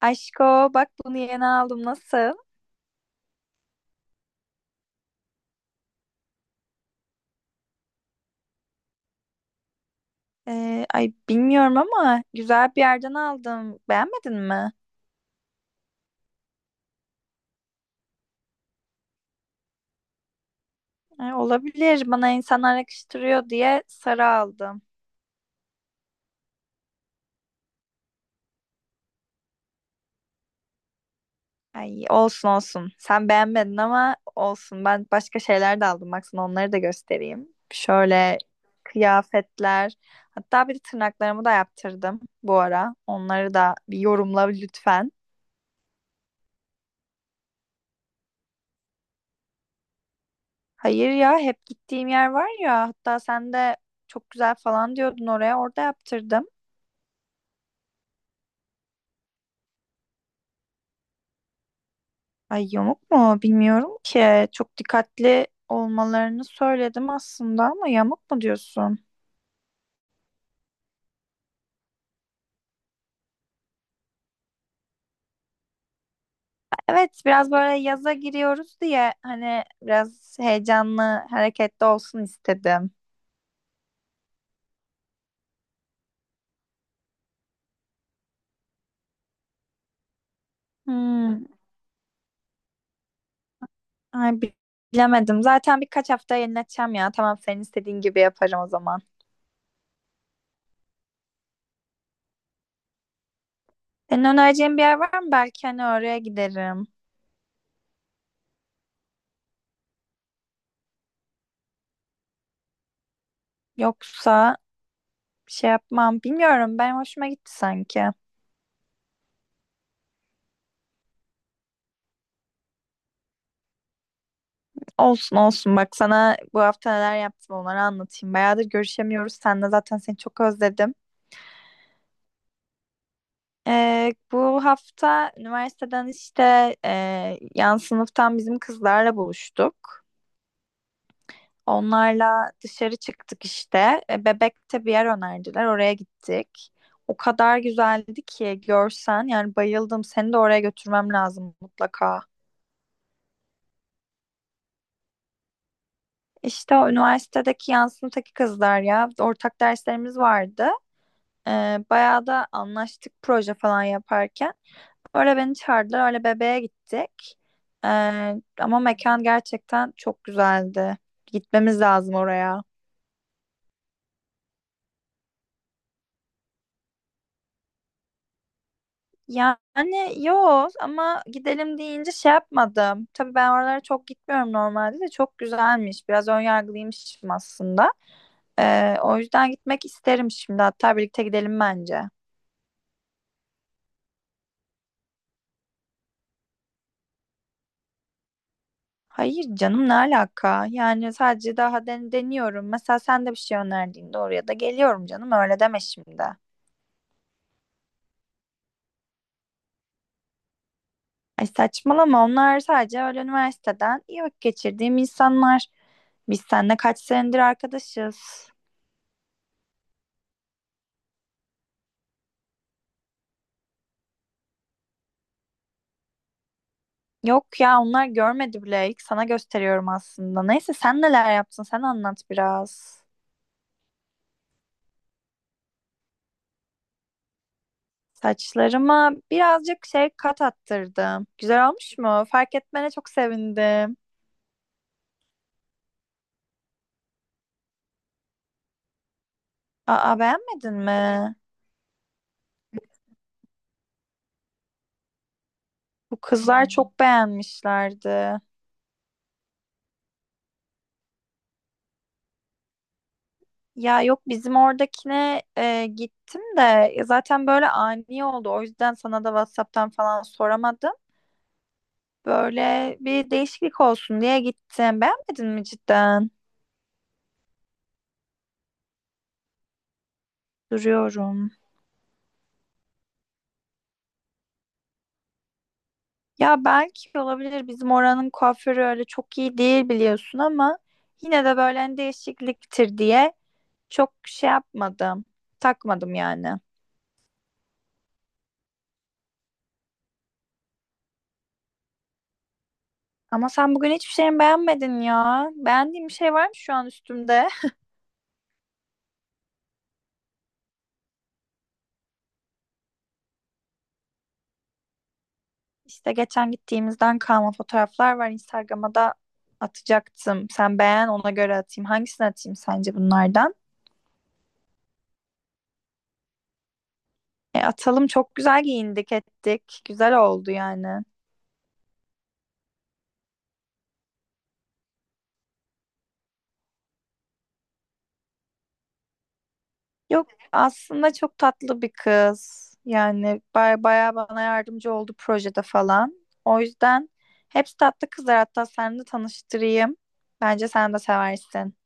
Aşko, bak bunu yeni aldım, nasıl? Ay, bilmiyorum ama güzel bir yerden aldım. Beğenmedin mi? Ay, olabilir, bana insanlar yakıştırıyor diye sarı aldım. Ay, olsun olsun. Sen beğenmedin ama olsun. Ben başka şeyler de aldım. Bak, sana onları da göstereyim. Şöyle kıyafetler. Hatta bir de tırnaklarımı da yaptırdım bu ara. Onları da bir yorumla lütfen. Hayır ya, hep gittiğim yer var ya, hatta sen de çok güzel falan diyordun oraya, orada yaptırdım. Ay, yamuk mu bilmiyorum ki, çok dikkatli olmalarını söyledim aslında ama yamuk mu diyorsun? Evet, biraz böyle yaza giriyoruz diye hani biraz heyecanlı hareketli olsun istedim. Hmm, ay bi- bilemedim, zaten birkaç hafta yenileteceğim ya, tamam, senin istediğin gibi yaparım o zaman. Senin önereceğin bir yer var mı? Belki hani oraya giderim. Yoksa bir şey yapmam. Bilmiyorum. Benim hoşuma gitti sanki. Olsun olsun. Bak sana bu hafta neler yaptım, onları anlatayım. Bayağıdır görüşemiyoruz. Sen de zaten, seni çok özledim. Bu hafta üniversiteden, işte yan sınıftan bizim kızlarla buluştuk. Onlarla dışarı çıktık işte. E, Bebek'te bir yer önerdiler. Oraya gittik. O kadar güzeldi ki, görsen, yani bayıldım. Seni de oraya götürmem lazım mutlaka. İşte o üniversitedeki yansımadaki kızlar ya. Ortak derslerimiz vardı. Ee, Bayağı da anlaştık proje falan yaparken. Öyle beni çağırdılar. Öyle bebeğe gittik. Ama mekan gerçekten çok güzeldi. Gitmemiz lazım oraya. Yani yok, ama gidelim deyince şey yapmadım. Tabii ben oralara çok gitmiyorum normalde, de çok güzelmiş. Biraz önyargılıymışım aslında. O yüzden gitmek isterim şimdi. Hatta birlikte gidelim bence. Hayır canım, ne alaka? Yani sadece daha deniyorum. Mesela sen de bir şey önerdiğinde oraya da geliyorum canım. Öyle deme şimdi. Ay saçmalama, onlar sadece öyle üniversiteden iyi vakit geçirdiğim insanlar. Biz seninle kaç senedir arkadaşız. Yok ya, onlar görmedi bile. İlk sana gösteriyorum aslında. Neyse, sen neler yaptın, sen anlat biraz. Saçlarıma birazcık şey kat attırdım. Güzel olmuş mu? Fark etmene çok sevindim. Aa, beğenmedin mi? Bu kızlar çok beğenmişlerdi. Ya yok, bizim oradakine gittim de, ya zaten böyle ani oldu. O yüzden sana da WhatsApp'tan falan soramadım. Böyle bir değişiklik olsun diye gittim. Beğenmedin mi cidden? Duruyorum. Ya belki olabilir. Bizim oranın kuaförü öyle çok iyi değil, biliyorsun, ama yine de böyle hani değişikliktir diye çok şey yapmadım. Takmadım yani. Ama sen bugün hiçbir şeyimi beğenmedin ya. Beğendiğim bir şey var mı şu an üstümde? İşte geçen gittiğimizden kalma fotoğraflar var. Instagram'a da atacaktım. Sen beğen, ona göre atayım. Hangisini atayım sence bunlardan? E, atalım, çok güzel giyindik ettik. Güzel oldu yani. Yok, aslında çok tatlı bir kız. Yani baya bana yardımcı oldu projede falan. O yüzden hepsi tatlı kızlar. Hatta sen de tanıştırayım. Bence sen de seversin.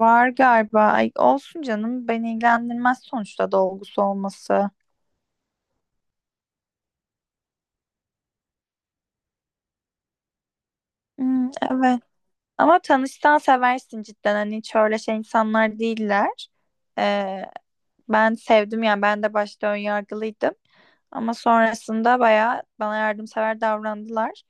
Var galiba. Ay, olsun canım. Beni ilgilendirmez sonuçta dolgusu olması. Hmm, evet. Ama tanışsan seversin cidden, hani hiç öyle şey insanlar değiller. Ee, Ben sevdim yani, ben de başta ön yargılıydım. Ama sonrasında bayağı bana yardımsever davrandılar.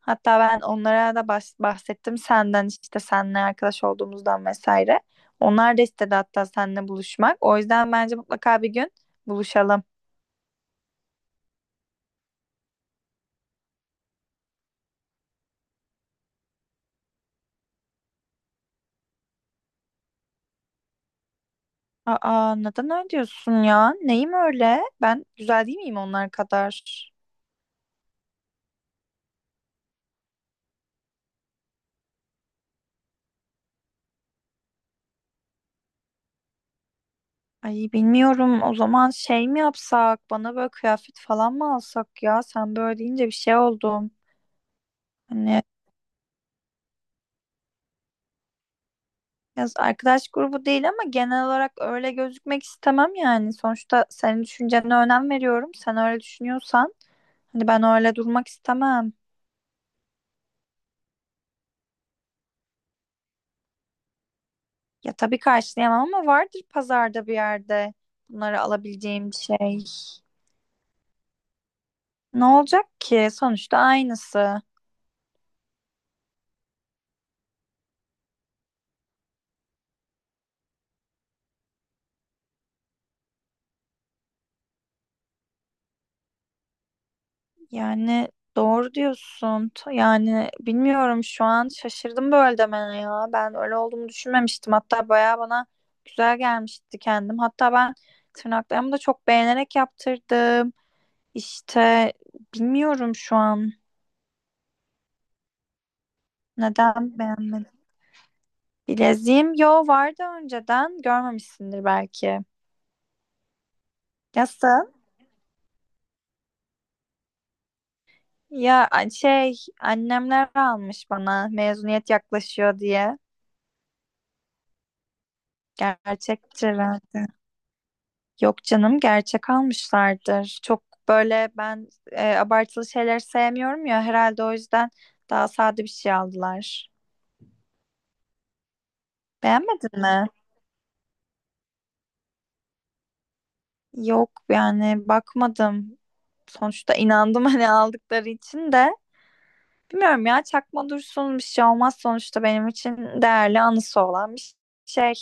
Hatta ben onlara da bahsettim senden, işte seninle arkadaş olduğumuzdan vesaire. Onlar da istedi hatta seninle buluşmak. O yüzden bence mutlaka bir gün buluşalım. Aa, neden öyle diyorsun ya? Neyim öyle? Ben güzel değil miyim onlar kadar? Ay bilmiyorum, o zaman şey mi yapsak, bana böyle kıyafet falan mı alsak, ya sen böyle deyince bir şey oldum. Hani biraz arkadaş grubu değil ama genel olarak öyle gözükmek istemem yani. Sonuçta senin düşüncene önem veriyorum. Sen öyle düşünüyorsan hani ben öyle durmak istemem. Ya tabii karşılayamam ama vardır pazarda bir yerde bunları alabileceğim bir şey. Ne olacak ki? Sonuçta aynısı. Yani doğru diyorsun. Yani bilmiyorum, şu an şaşırdım böyle demene ya. Ben öyle olduğumu düşünmemiştim. Hatta bayağı bana güzel gelmişti kendim. Hatta ben tırnaklarımı da çok beğenerek yaptırdım. İşte bilmiyorum şu an neden beğenmedim. Bileziğim yo vardı önceden, görmemişsindir belki. Nasıl? Şey, annemler almış bana, mezuniyet yaklaşıyor diye. Gerçektir herhalde. Yok canım, gerçek almışlardır. Çok böyle ben abartılı şeyler sevmiyorum ya, herhalde o yüzden daha sade bir şey aldılar. Beğenmedin mi? Yok, yani bakmadım. Sonuçta inandım hani aldıkları için de. Bilmiyorum ya, çakma dursun, bir şey olmaz, sonuçta benim için değerli anısı olan bir şey.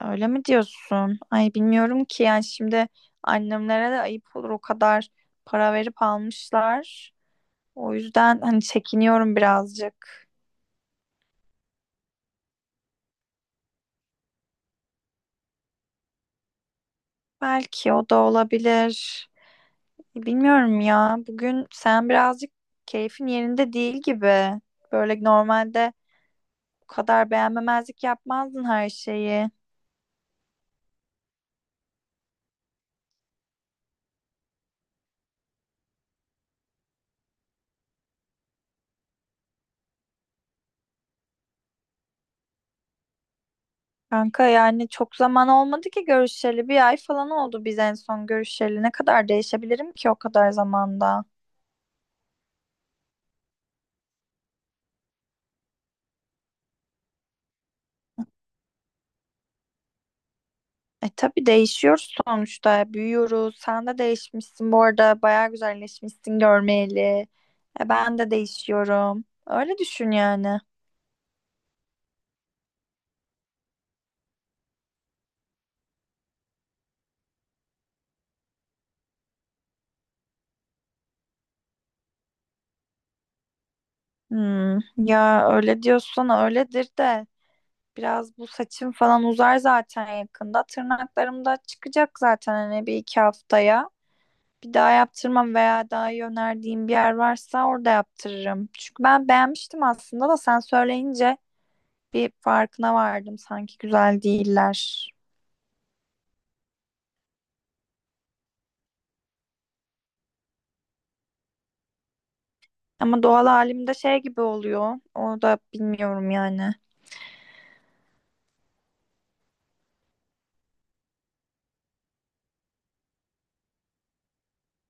Öyle mi diyorsun? Ay bilmiyorum ki, yani şimdi annemlere de ayıp olur, o kadar para verip almışlar. O yüzden hani çekiniyorum birazcık. Belki o da olabilir. Bilmiyorum ya. Bugün sen birazcık keyfin yerinde değil gibi. Böyle normalde bu kadar beğenmemezlik yapmazdın her şeyi. Kanka yani çok zaman olmadı ki görüşeli. Bir ay falan oldu biz en son görüşeli. Ne kadar değişebilirim ki o kadar zamanda? E tabii değişiyoruz sonuçta. Büyüyoruz. Sen de değişmişsin bu arada. Bayağı güzelleşmişsin görmeyeli. E ben de değişiyorum. Öyle düşün yani. Hmm, ya öyle diyorsan öyledir de. Biraz bu saçım falan uzar zaten yakında. Tırnaklarım da çıkacak zaten hani bir iki haftaya. Bir daha yaptırmam veya daha iyi önerdiğim bir yer varsa orada yaptırırım. Çünkü ben beğenmiştim aslında da sen söyleyince bir farkına vardım. Sanki güzel değiller. Ama doğal halimde şey gibi oluyor. O da bilmiyorum yani.